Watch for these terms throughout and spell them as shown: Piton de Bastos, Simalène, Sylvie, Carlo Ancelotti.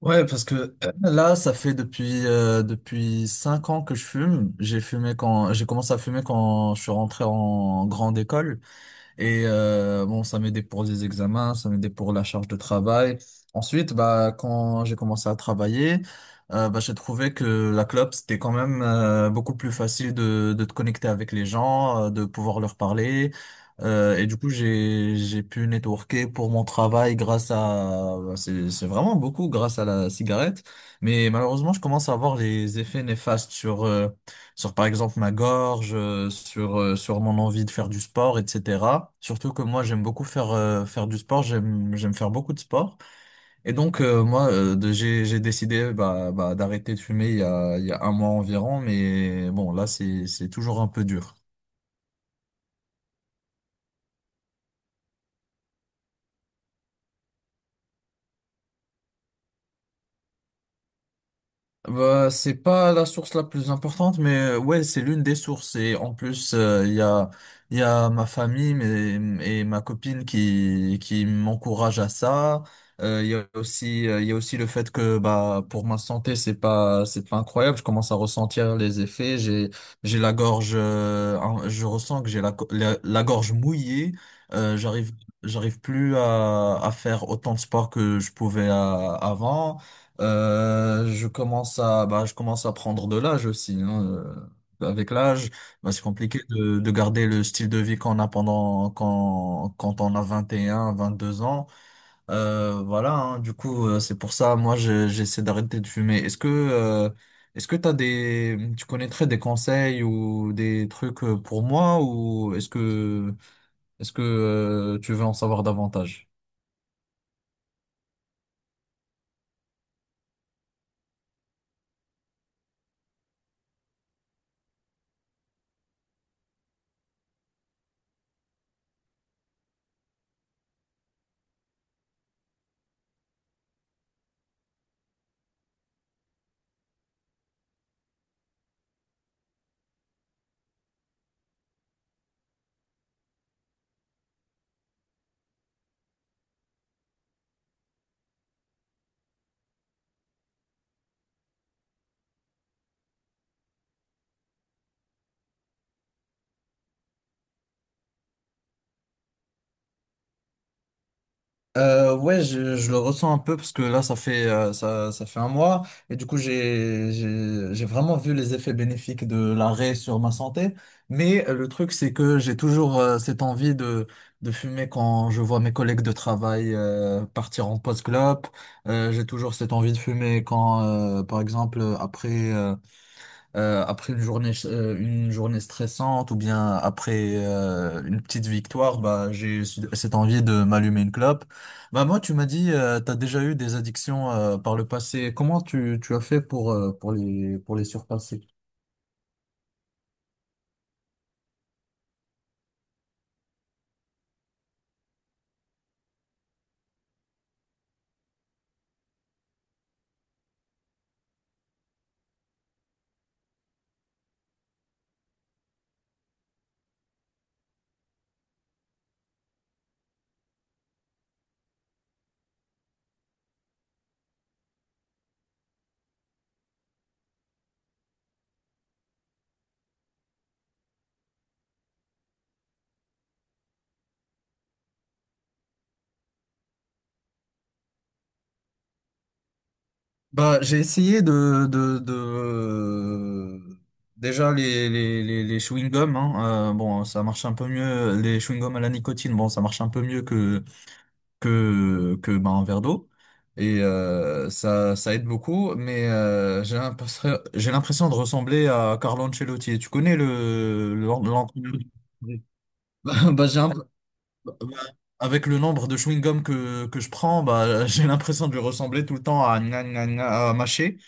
Ouais, parce que là, ça fait depuis 5 ans que je fume. J'ai fumé quand j'ai commencé à fumer quand je suis rentré en grande école. Et bon, ça m'aidait pour les examens, ça m'aidait pour la charge de travail. Ensuite, bah, quand j'ai commencé à travailler, bah, j'ai trouvé que la clope, c'était quand même beaucoup plus facile de te connecter avec les gens, de pouvoir leur parler. Et du coup, j'ai pu networker pour mon travail bah, c'est vraiment beaucoup grâce à la cigarette. Mais malheureusement, je commence à voir les effets néfastes sur par exemple ma gorge, sur mon envie de faire du sport, etc. Surtout que moi j'aime beaucoup faire du sport, j'aime faire beaucoup de sport. Et donc moi j'ai décidé bah, d'arrêter de fumer il y a un mois environ, mais bon là c'est toujours un peu dur. Bah, c'est pas la source la plus importante, mais ouais, c'est l'une des sources. Et en plus, il y a ma famille mais, et ma copine qui m'encourage à ça. Il y a aussi, il y a aussi le fait que bah, pour ma santé, c'est pas incroyable. Je commence à ressentir les effets. J'ai la gorge, hein, je ressens que j'ai la gorge mouillée. Euh, j'arrive, j'arrive plus à faire autant de sport que je pouvais avant. Je commence à prendre de l'âge aussi, hein. Euh, avec l'âge, bah, c'est compliqué de garder le style de vie qu'on a quand on a 21, 22 ans. Voilà, hein, du coup, c'est pour ça, moi, j'essaie d'arrêter de fumer. Est-ce que tu connaîtrais des conseils ou des trucs pour moi ou tu veux en savoir davantage? Ouais, je le ressens un peu parce que là, ça fait un mois et du coup, j'ai vraiment vu les effets bénéfiques de l'arrêt sur ma santé. Mais le truc, c'est que j'ai toujours cette envie de fumer quand je vois mes collègues de travail partir en post-clope. J'ai toujours cette envie de fumer par exemple, après une journée stressante ou bien après une petite victoire, bah, j'ai cette envie de m'allumer une clope. Bah, moi, tu m'as dit, tu as déjà eu des addictions par le passé. Comment tu as fait pour les surpasser? Bah, j'ai essayé de... Déjà, les chewing-gums, hein, bon, ça marche un peu mieux. Les chewing-gums à la nicotine, bon, ça marche un peu mieux que bah, un verre d'eau et ça aide beaucoup mais j'ai l'impression de ressembler à Carlo Ancelotti. Et tu connais l'entraîneur du- Oui. bah, bah, j'ai un bah, avec le nombre de chewing-gum que je prends bah j'ai l'impression de lui ressembler tout le temps à gna, gna, gna, à mâcher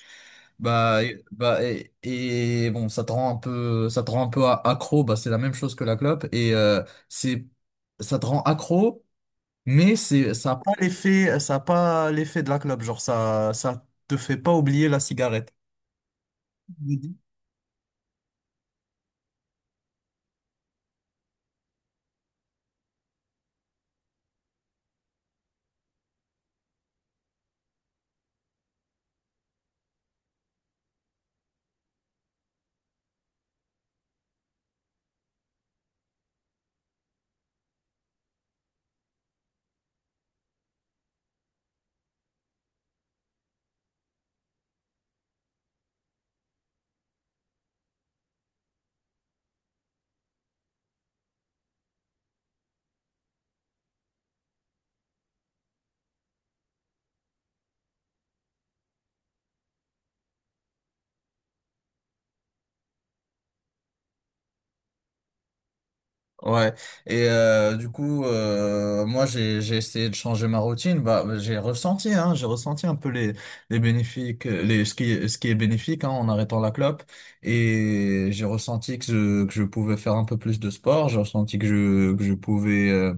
bah et bon ça te rend un peu ça te rend un peu a- accro. Bah c'est la même chose que la clope et c'est ça te rend accro, mais ça n'a pas l'effet, ça a pas l'effet de la clope. Genre, ça te fait pas oublier la cigarette. Mhm. Ouais. Du coup, moi, j'ai essayé de changer ma routine. Bah, j'ai ressenti un peu les bénéfiques, les, ce qui est bénéfique, hein, en arrêtant la clope. Et j'ai ressenti que je pouvais faire un peu plus de sport. J'ai ressenti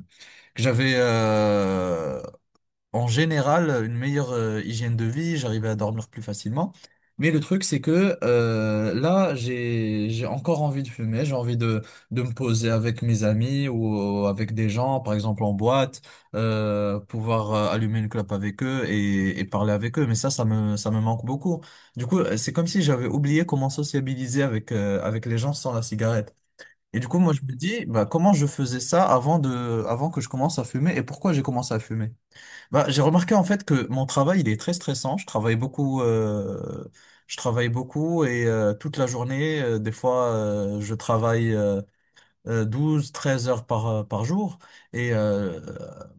que j'avais, en général, une meilleure hygiène de vie, j'arrivais à dormir plus facilement. Mais le truc, c'est que là, j'ai encore envie de fumer, j'ai envie de me poser avec mes amis ou avec des gens, par exemple en boîte, pouvoir allumer une clope avec eux et parler avec eux. Mais ça, ça me manque beaucoup. Du coup, c'est comme si j'avais oublié comment sociabiliser avec les gens sans la cigarette. Et du coup, moi, je me dis, bah, comment je faisais ça avant que je commence à fumer et pourquoi j'ai commencé à fumer? Bah, j'ai remarqué en fait que mon travail il est très stressant. Je travaille beaucoup et toute la journée, des fois je travaille, 12, 13 heures par jour. Et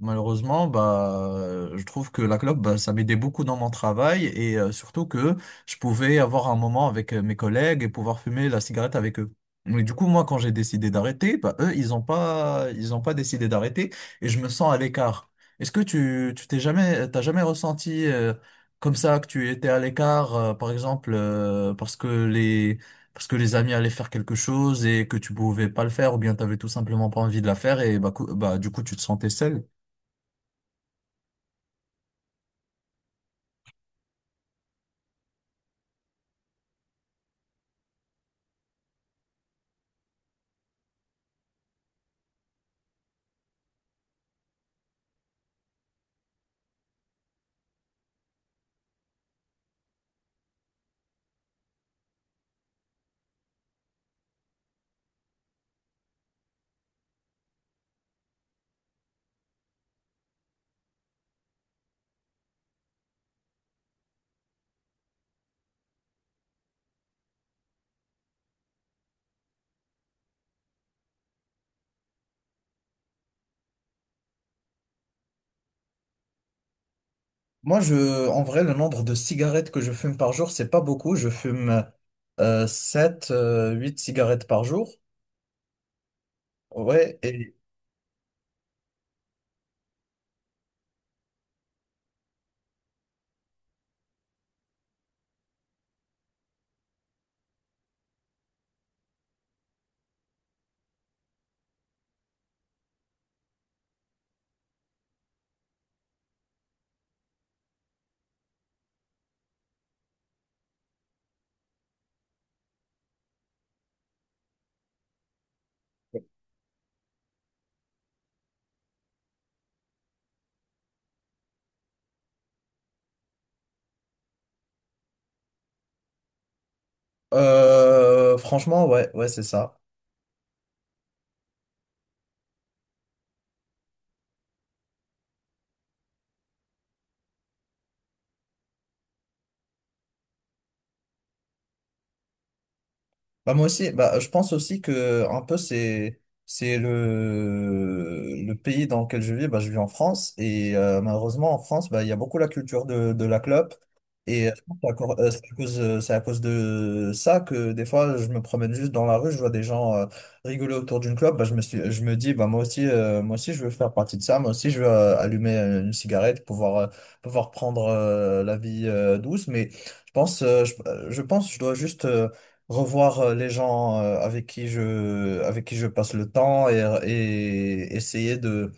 malheureusement, bah, je trouve que la clope, bah, ça m'aidait beaucoup dans mon travail et surtout que je pouvais avoir un moment avec mes collègues et pouvoir fumer la cigarette avec eux. Mais du coup, moi, quand j'ai décidé d'arrêter, bah, eux, ils ont pas décidé d'arrêter et je me sens à l'écart. Est-ce que tu t'es jamais, t'as jamais ressenti comme ça que tu étais à l'écart, par exemple, parce que les amis allaient faire quelque chose et que tu pouvais pas le faire ou bien t'avais tout simplement pas envie de la faire et bah, bah du coup tu te sentais seul. Moi, en vrai, le nombre de cigarettes que je fume par jour, c'est pas beaucoup. Je fume 7, 8 cigarettes par jour. Ouais, et franchement, ouais, ouais, c'est ça. Bah moi aussi, bah, je pense aussi que un peu c'est le pays dans lequel je vis. Bah, je vis en France et malheureusement en France, bah, il y a beaucoup la culture de la clope et je pense que c'est à cause de ça que des fois je me promène juste dans la rue, je vois des gens rigoler autour d'une clope. Bah, je me dis bah moi aussi je veux faire partie de ça. Moi aussi je veux allumer une cigarette, pouvoir prendre la vie douce. Mais je pense je dois juste revoir les gens avec qui je passe le temps et essayer de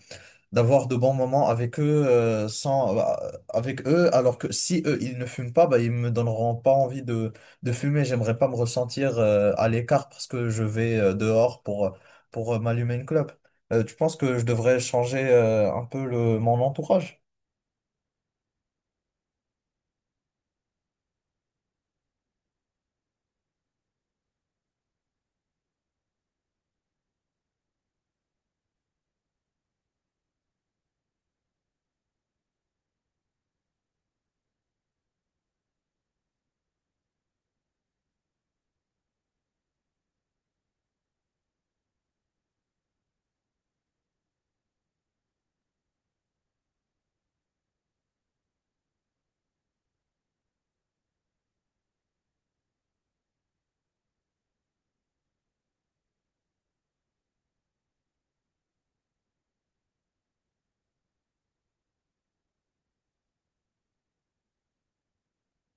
d'avoir de bons moments avec eux sans bah, avec eux alors que si eux ils ne fument pas bah ils me donneront pas envie de fumer. J'aimerais pas me ressentir à l'écart parce que je vais dehors pour m'allumer une clope. Tu penses que je devrais changer un peu le mon entourage?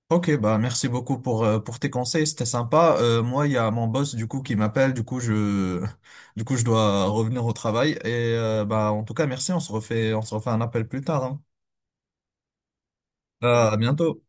Ok, bah merci beaucoup pour tes conseils, c'était sympa. Moi, il y a mon boss du coup qui m'appelle, du coup je du coup je dois revenir au travail. Et bah en tout cas merci, on se refait un appel plus tard, hein. À bientôt.